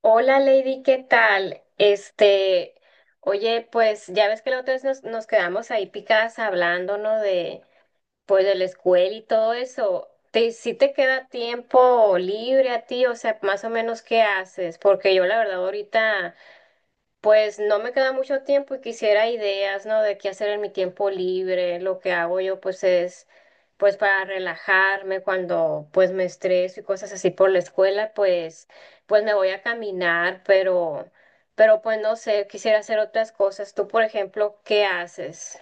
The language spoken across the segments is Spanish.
Hola Lady, ¿qué tal? Oye, pues ya ves que la otra vez nos quedamos ahí picadas hablando, ¿no? De, pues de la escuela y todo eso. ¿Te, si te queda tiempo libre a ti? O sea, más o menos, ¿qué haces? Porque yo la verdad ahorita pues no me queda mucho tiempo y quisiera ideas, ¿no? De qué hacer en mi tiempo libre. Lo que hago yo, pues, es, pues, para relajarme cuando, pues, me estreso y cosas así por la escuela, pues, pues me voy a caminar, pero, pues, no sé, quisiera hacer otras cosas. Tú, por ejemplo, ¿qué haces?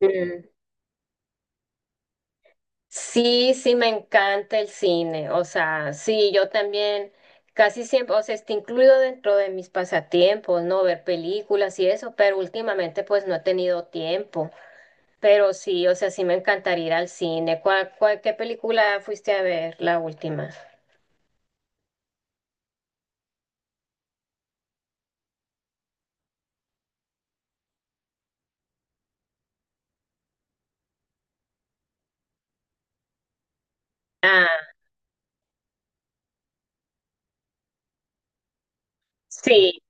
Mm. Sí, sí, me encanta el cine. O sea, sí, yo también casi siempre, o sea, está incluido dentro de mis pasatiempos, ¿no? Ver películas y eso, pero últimamente pues no he tenido tiempo. Pero sí, o sea, sí me encantaría ir al cine. ¿ qué película fuiste a ver la última? Ah, sí.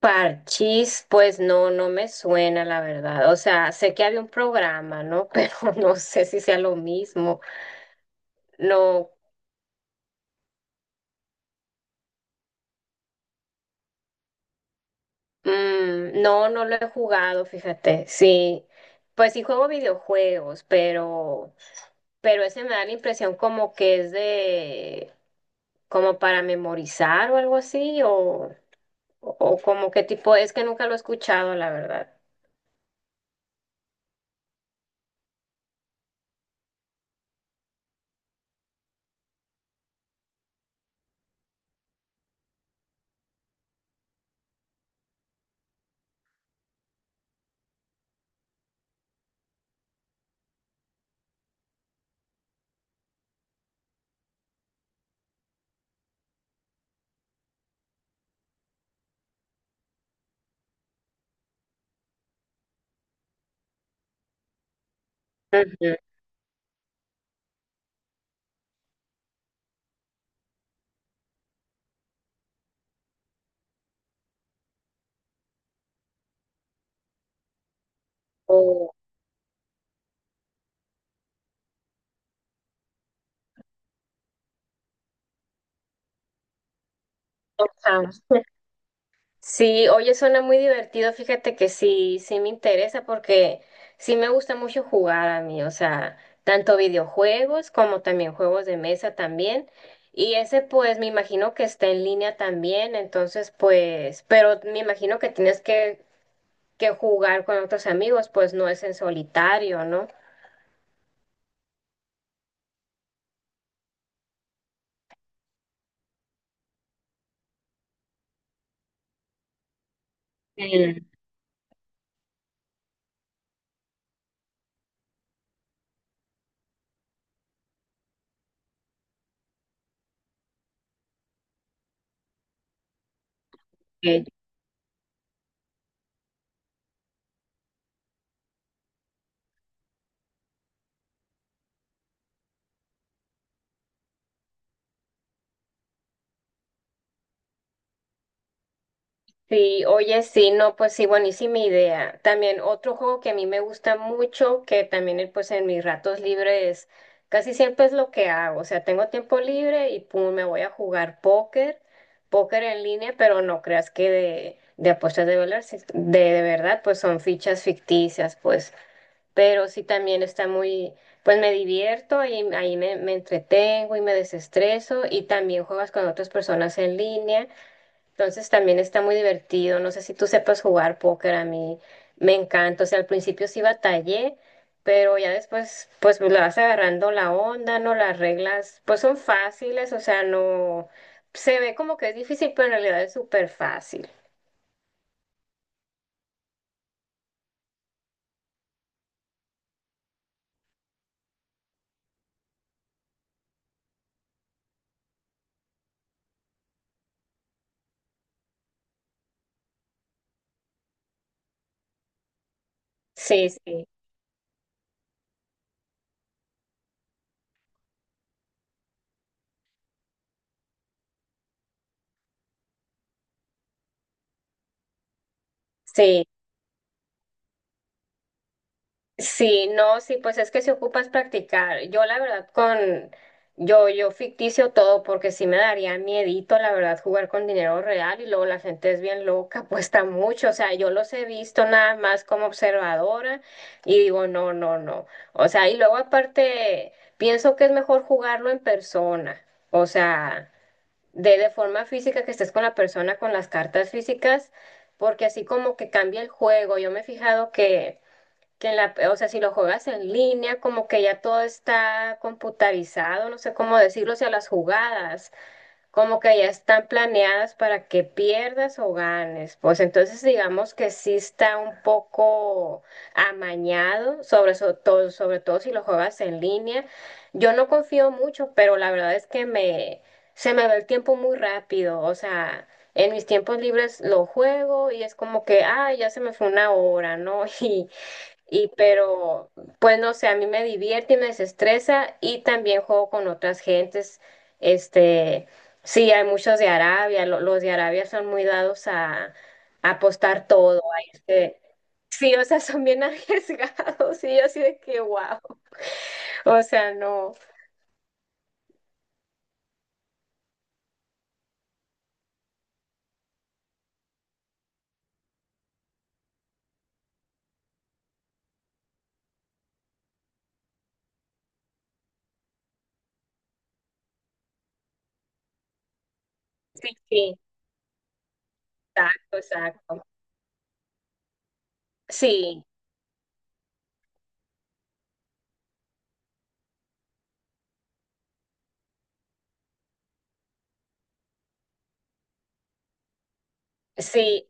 Parchís, pues no, no me suena la verdad. O sea, sé que había un programa, ¿no? Pero no sé si sea lo mismo. No. Mm, no, no lo he jugado, fíjate. Sí, pues sí juego videojuegos, pero ese me da la impresión como que es de, como para memorizar o algo así, o como qué tipo, es que nunca lo he escuchado, la verdad. Ujú. O- ajá. Sí, oye, suena muy divertido. Fíjate que sí, sí me interesa porque sí me gusta mucho jugar a mí, o sea, tanto videojuegos como también juegos de mesa también. Y ese pues me imagino que está en línea también, entonces pues, pero me imagino que tienes que jugar con otros amigos, pues no es en solitario, ¿no? Mm. Ok. Sí, oye, sí, no, pues sí, buenísima idea. También otro juego que a mí me gusta mucho, que también pues en mis ratos libres casi siempre es lo que hago. O sea, tengo tiempo libre y pum, me voy a jugar póker, póker en línea, pero no creas que de apuestas de dólares, es- de verdad, pues son fichas ficticias, pues. Pero sí también está muy, pues me divierto y ahí me, me entretengo y me desestreso y también juegas con otras personas en línea. Entonces también está muy divertido. No sé si tú sepas jugar póker, a mí me encanta. O sea, al principio sí batallé, pero ya después pues le vas agarrando la onda, ¿no? Las reglas pues son fáciles, o sea, no se ve como que es difícil, pero en realidad es súper fácil. Sí, sí, sí. Sí, no, sí, pues es que si ocupas practicar, yo la verdad con, yo ficticio todo porque sí me daría miedito, la verdad, jugar con dinero real y luego la gente es bien loca, apuesta mucho, o sea, yo los he visto nada más como observadora y digo, no, no, no, o sea, y luego aparte pienso que es mejor jugarlo en persona, o sea, de forma física que estés con la persona, con las cartas físicas, porque así como que cambia el juego, yo me he fijado que en la, o sea, si lo juegas en línea, como que ya todo está computarizado, no sé cómo decirlo, o sea, las jugadas, como que ya están planeadas para que pierdas o ganes. Pues entonces digamos que sí está un poco amañado, sobre todo si lo juegas en línea. Yo no confío mucho, pero la verdad es que me, se me va el tiempo muy rápido, o sea, en mis tiempos libres lo juego y es como que, ah, ya se me fue una hora, ¿no? Y, y pero, pues no sé, a mí me divierte y me desestresa y también juego con otras gentes. Este, sí, hay muchos de Arabia, lo- los de Arabia son muy dados a apostar todo. Sí, o sea, son bien arriesgados y yo así de que wow. O sea, no. Sí, sí, exacto, exacto. Sí, sí,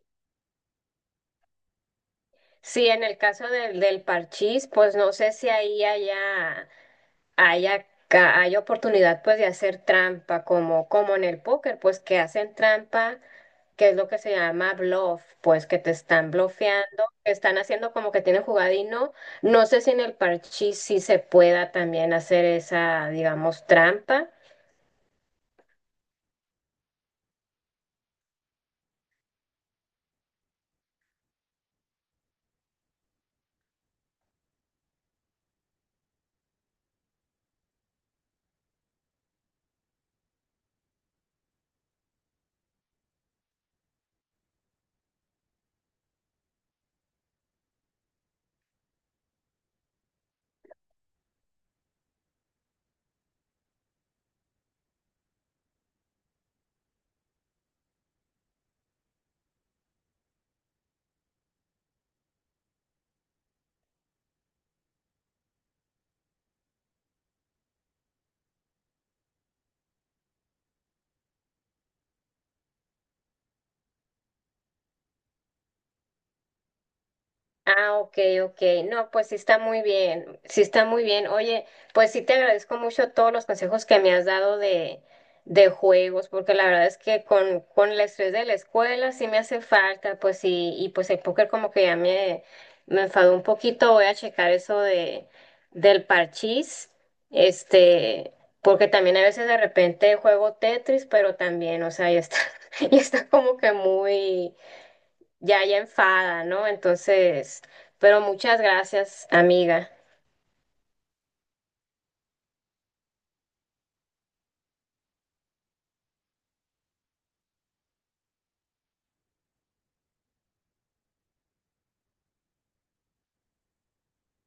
sí, en el caso del, del parchís, pues no sé si ahí allá. Hay, acá, hay oportunidad pues de hacer trampa, como, como en el póker, pues que hacen trampa, que es lo que se llama bluff, pues que te están blofeando, que están haciendo como que tienen jugada y no. No sé si en el parchís sí se pueda también hacer esa, digamos, trampa. Ah, ok, ok. No, pues sí está muy bien, sí está muy bien. Oye, pues sí te agradezco mucho todos los consejos que me has dado de juegos, porque la verdad es que con el estrés de la escuela sí me hace falta, pues sí, y pues el póker como que ya me enfadó un poquito. Voy a checar eso de, del parchís, este, porque también a veces de repente juego Tetris, pero también, o sea, ya está, ya está como que muy ya, ya enfada, ¿no? Entonces, pero muchas gracias, amiga.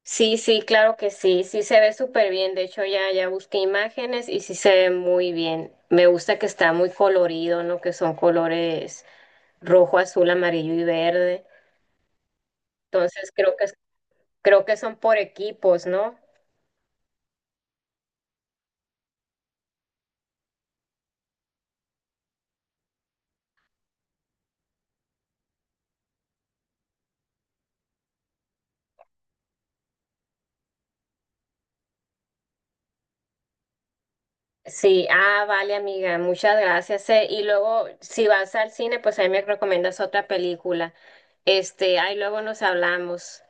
Sí, sí, claro que sí, sí se ve súper bien. De hecho, ya, ya busqué imágenes y sí se ve muy bien. Me gusta que está muy colorido, ¿no? Que son colores rojo, azul, amarillo y verde. Entonces, creo que son por equipos, ¿no? Sí, ah, vale, amiga, muchas gracias. Y luego, si vas al cine, pues ahí me recomiendas otra película. Este, ahí luego nos hablamos.